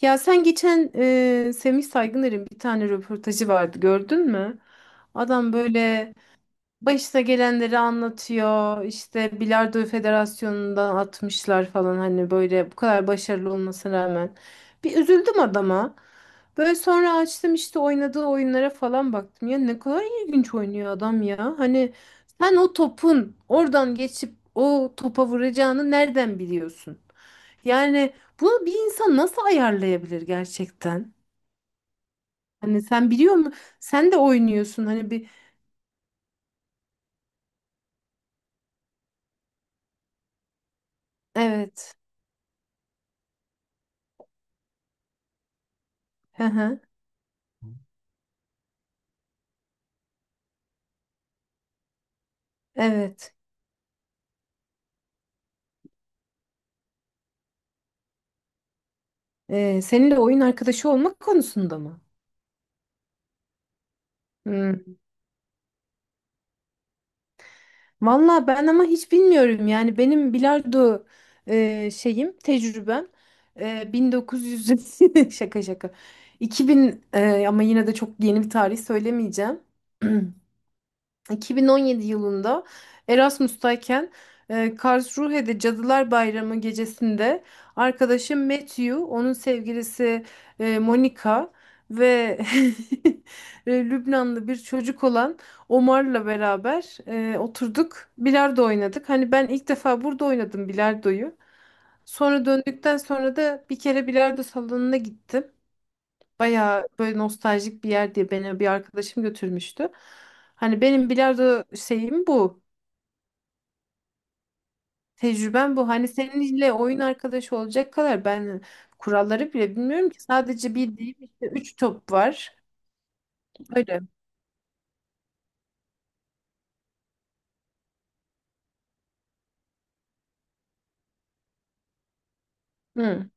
Ya sen geçen Semih Saygıner'in bir tane röportajı vardı gördün mü? Adam böyle başına gelenleri anlatıyor. İşte Bilardo Federasyonu'ndan atmışlar falan hani böyle bu kadar başarılı olmasına rağmen. Bir üzüldüm adama. Böyle sonra açtım işte oynadığı oyunlara falan baktım. Ya ne kadar ilginç oynuyor adam ya. Hani sen o topun oradan geçip o topa vuracağını nereden biliyorsun? Yani bunu bir insan nasıl ayarlayabilir gerçekten? Hani sen biliyor musun? Sen de oynuyorsun hani bir evet. Hı hı. Evet. Seninle oyun arkadaşı olmak konusunda mı? Hmm. Valla ben ama hiç bilmiyorum. Yani benim bilardo şeyim, tecrübem 1900 şaka şaka. 2000 ama yine de çok yeni bir tarih söylemeyeceğim. 2017 yılında Erasmus'tayken Karlsruhe'de Cadılar Bayramı gecesinde arkadaşım Matthew, onun sevgilisi Monica ve Lübnanlı bir çocuk olan Omar'la beraber oturduk, bilardo oynadık. Hani ben ilk defa burada oynadım bilardoyu. Sonra döndükten sonra da bir kere bilardo salonuna gittim. Bayağı böyle nostaljik bir yer diye beni bir arkadaşım götürmüştü. Hani benim bilardo şeyim bu. Tecrübem bu. Hani seninle oyun arkadaşı olacak kadar ben kuralları bile bilmiyorum ki. Sadece bildiğim işte 3 top var. Öyle. Hı.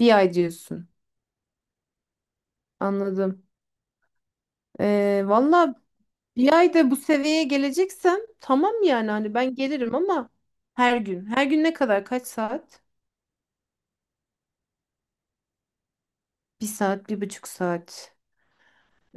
Bir ay diyorsun. Anladım. Valla bir ayda bu seviyeye geleceksem tamam yani hani ben gelirim ama her gün. Her gün ne kadar? Kaç saat? Bir saat, bir buçuk saat.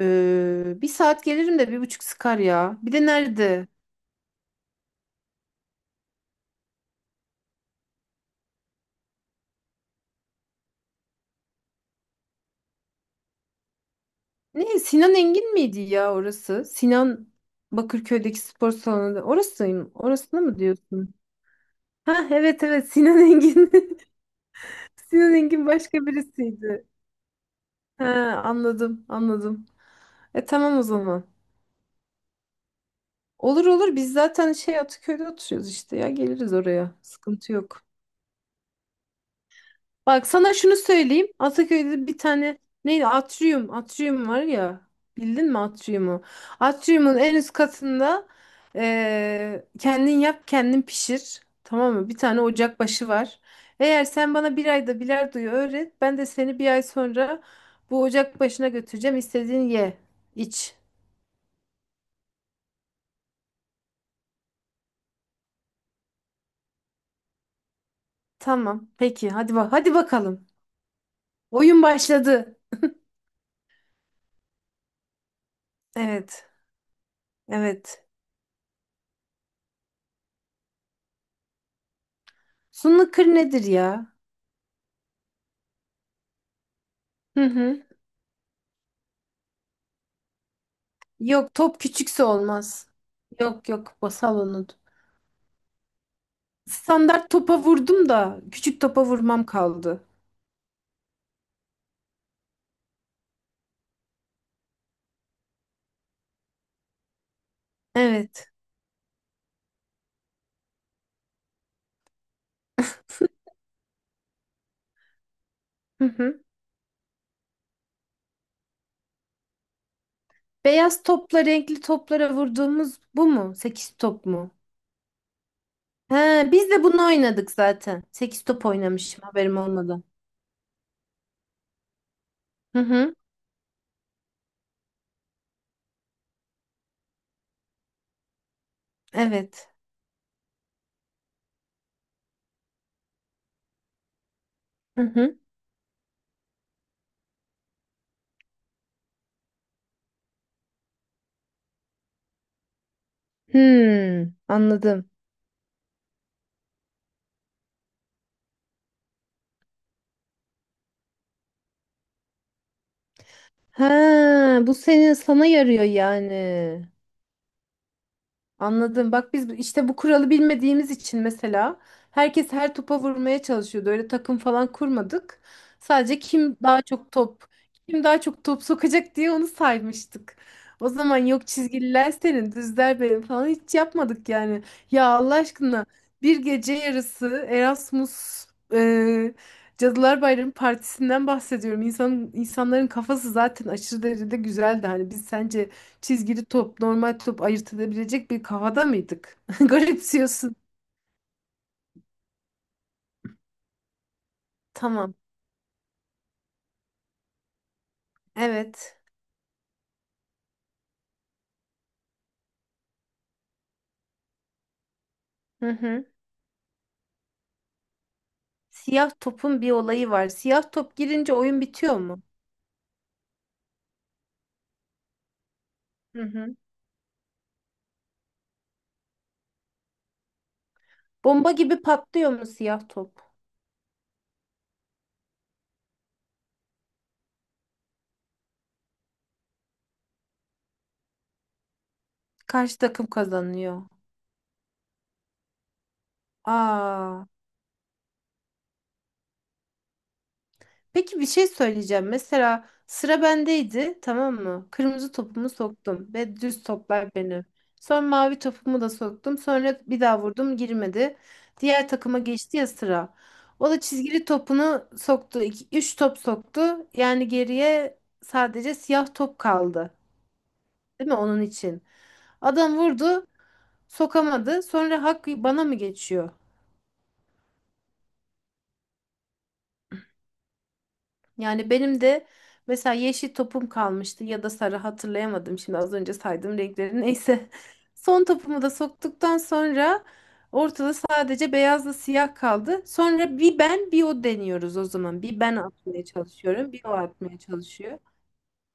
Bir saat gelirim de bir buçuk sıkar ya. Bir de nerede? Ne? Sinan Engin miydi ya orası? Sinan Bakırköy'deki spor salonu. Orasıyım. Orasını mı diyorsun? Ha evet evet Sinan Engin. Sinan Engin başka birisiydi. Ha anladım anladım. E tamam o zaman. Olur olur biz zaten şey Ataköy'de oturuyoruz işte ya geliriz oraya. Sıkıntı yok. Bak sana şunu söyleyeyim. Ataköy'de bir tane neydi? Atrium. Atrium var ya. Bildin mi Atrium'u? Atrium'un en üst katında kendin yap kendin pişir. Tamam mı? Bir tane ocak başı var. Eğer sen bana bir ayda bilardoyu öğret. Ben de seni bir ay sonra bu ocak başına götüreceğim. İstediğin ye. İç. Tamam. Peki. Hadi bak. Hadi bakalım. Oyun başladı. Evet. Evet. Snooker nedir ya? Hı hı. Yok top küçükse olmaz. Yok yok basal onu. Standart topa vurdum da küçük topa vurmam kaldı. Evet. Hı hı. Beyaz topla renkli toplara vurduğumuz bu mu? Sekiz top mu? He, biz de bunu oynadık zaten. Sekiz top oynamışım haberim olmadan. Hı hı. Evet. Hı hı. Hmm, anladım. Ha, bu senin sana yarıyor yani. Anladım. Bak biz işte bu kuralı bilmediğimiz için mesela herkes her topa vurmaya çalışıyordu. Öyle takım falan kurmadık. Sadece kim daha çok top, kim daha çok top sokacak diye onu saymıştık. O zaman yok çizgililer senin, düzler benim falan hiç yapmadık yani. Ya Allah aşkına bir gece yarısı Erasmus e, Cadılar Bayramı partisinden bahsediyorum. İnsan, insanların kafası zaten aşırı derecede güzeldi. Hani biz sence çizgili top, normal top ayırt edebilecek bir kafada mıydık? Garipsiyorsun. Tamam. Evet. Hı hı. Siyah topun bir olayı var. Siyah top girince oyun bitiyor mu? Hı hı. Bomba gibi patlıyor mu siyah top? Karşı takım kazanıyor. Aa. Peki bir şey söyleyeceğim. Mesela sıra bendeydi, tamam mı? Kırmızı topumu soktum ve düz toplar beni. Sonra mavi topumu da soktum. Sonra bir daha vurdum, girmedi. Diğer takıma geçti ya sıra. O da çizgili topunu soktu. İki, üç top soktu. Yani geriye sadece siyah top kaldı. Değil mi onun için? Adam vurdu, sokamadı. Sonra hak bana mı geçiyor? Yani benim de mesela yeşil topum kalmıştı ya da sarı hatırlayamadım şimdi az önce saydığım renkleri neyse. Son topumu da soktuktan sonra ortada sadece beyazla siyah kaldı. Sonra bir ben bir o deniyoruz o zaman. Bir ben atmaya çalışıyorum, bir o atmaya çalışıyor.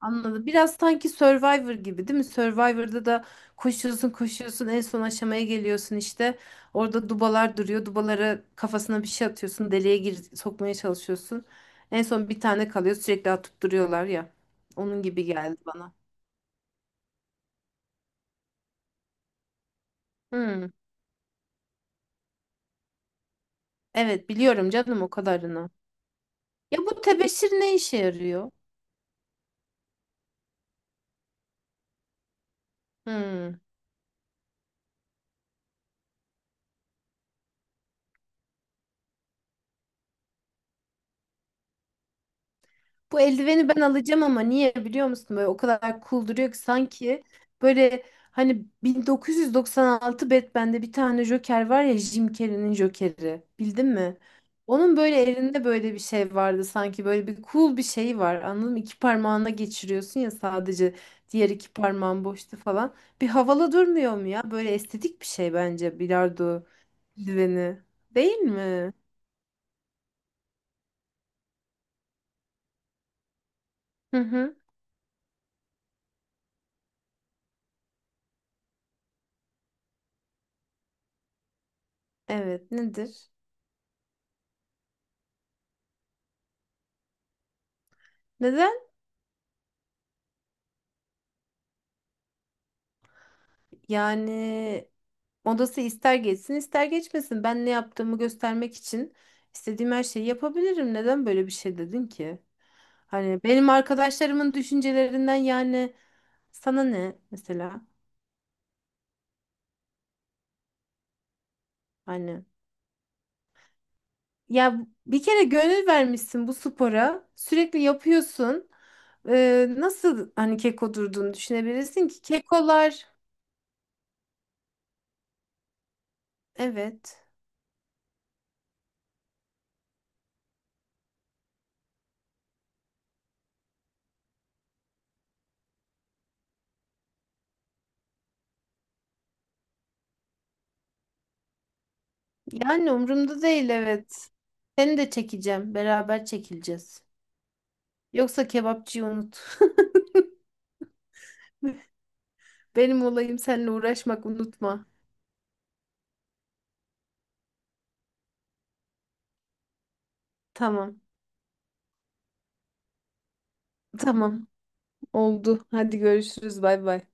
Anladım. Biraz sanki Survivor gibi değil mi? Survivor'da da koşuyorsun koşuyorsun en son aşamaya geliyorsun işte. Orada dubalar duruyor. Dubalara kafasına bir şey atıyorsun. Deliğe gir sokmaya çalışıyorsun. En son bir tane kalıyor. Sürekli atıp duruyorlar ya. Onun gibi geldi bana. Hmm. Evet biliyorum canım o kadarını. Ya bu tebeşir ne işe yarıyor? Hmm. Bu eldiveni ben alacağım ama niye biliyor musun? Böyle o kadar cool duruyor ki sanki böyle hani 1996 Batman'de bir tane Joker var ya Jim Carrey'nin Joker'i. Bildin mi? Onun böyle elinde böyle bir şey vardı sanki böyle bir cool bir şey var anladın mı? İki parmağına geçiriyorsun ya sadece diğer iki parmağın boştu falan. Bir havalı durmuyor mu ya? Böyle estetik bir şey bence bilardo eldiveni. Değil mi? Hı hı. Evet nedir? Neden? Yani odası ister geçsin ister geçmesin. Ben ne yaptığımı göstermek için istediğim her şeyi yapabilirim. Neden böyle bir şey dedin ki? Hani benim arkadaşlarımın düşüncelerinden yani sana ne mesela? Hani ya bir kere gönül vermişsin bu spora. Sürekli yapıyorsun. Nasıl hani keko durduğunu düşünebilirsin ki? Kekolar evet. Yani umurumda değil evet. Seni de çekeceğim. Beraber çekileceğiz. Yoksa kebapçıyı unut. Benim olayım seninle uğraşmak unutma. Tamam. Tamam. Oldu. Hadi görüşürüz. Bay bay.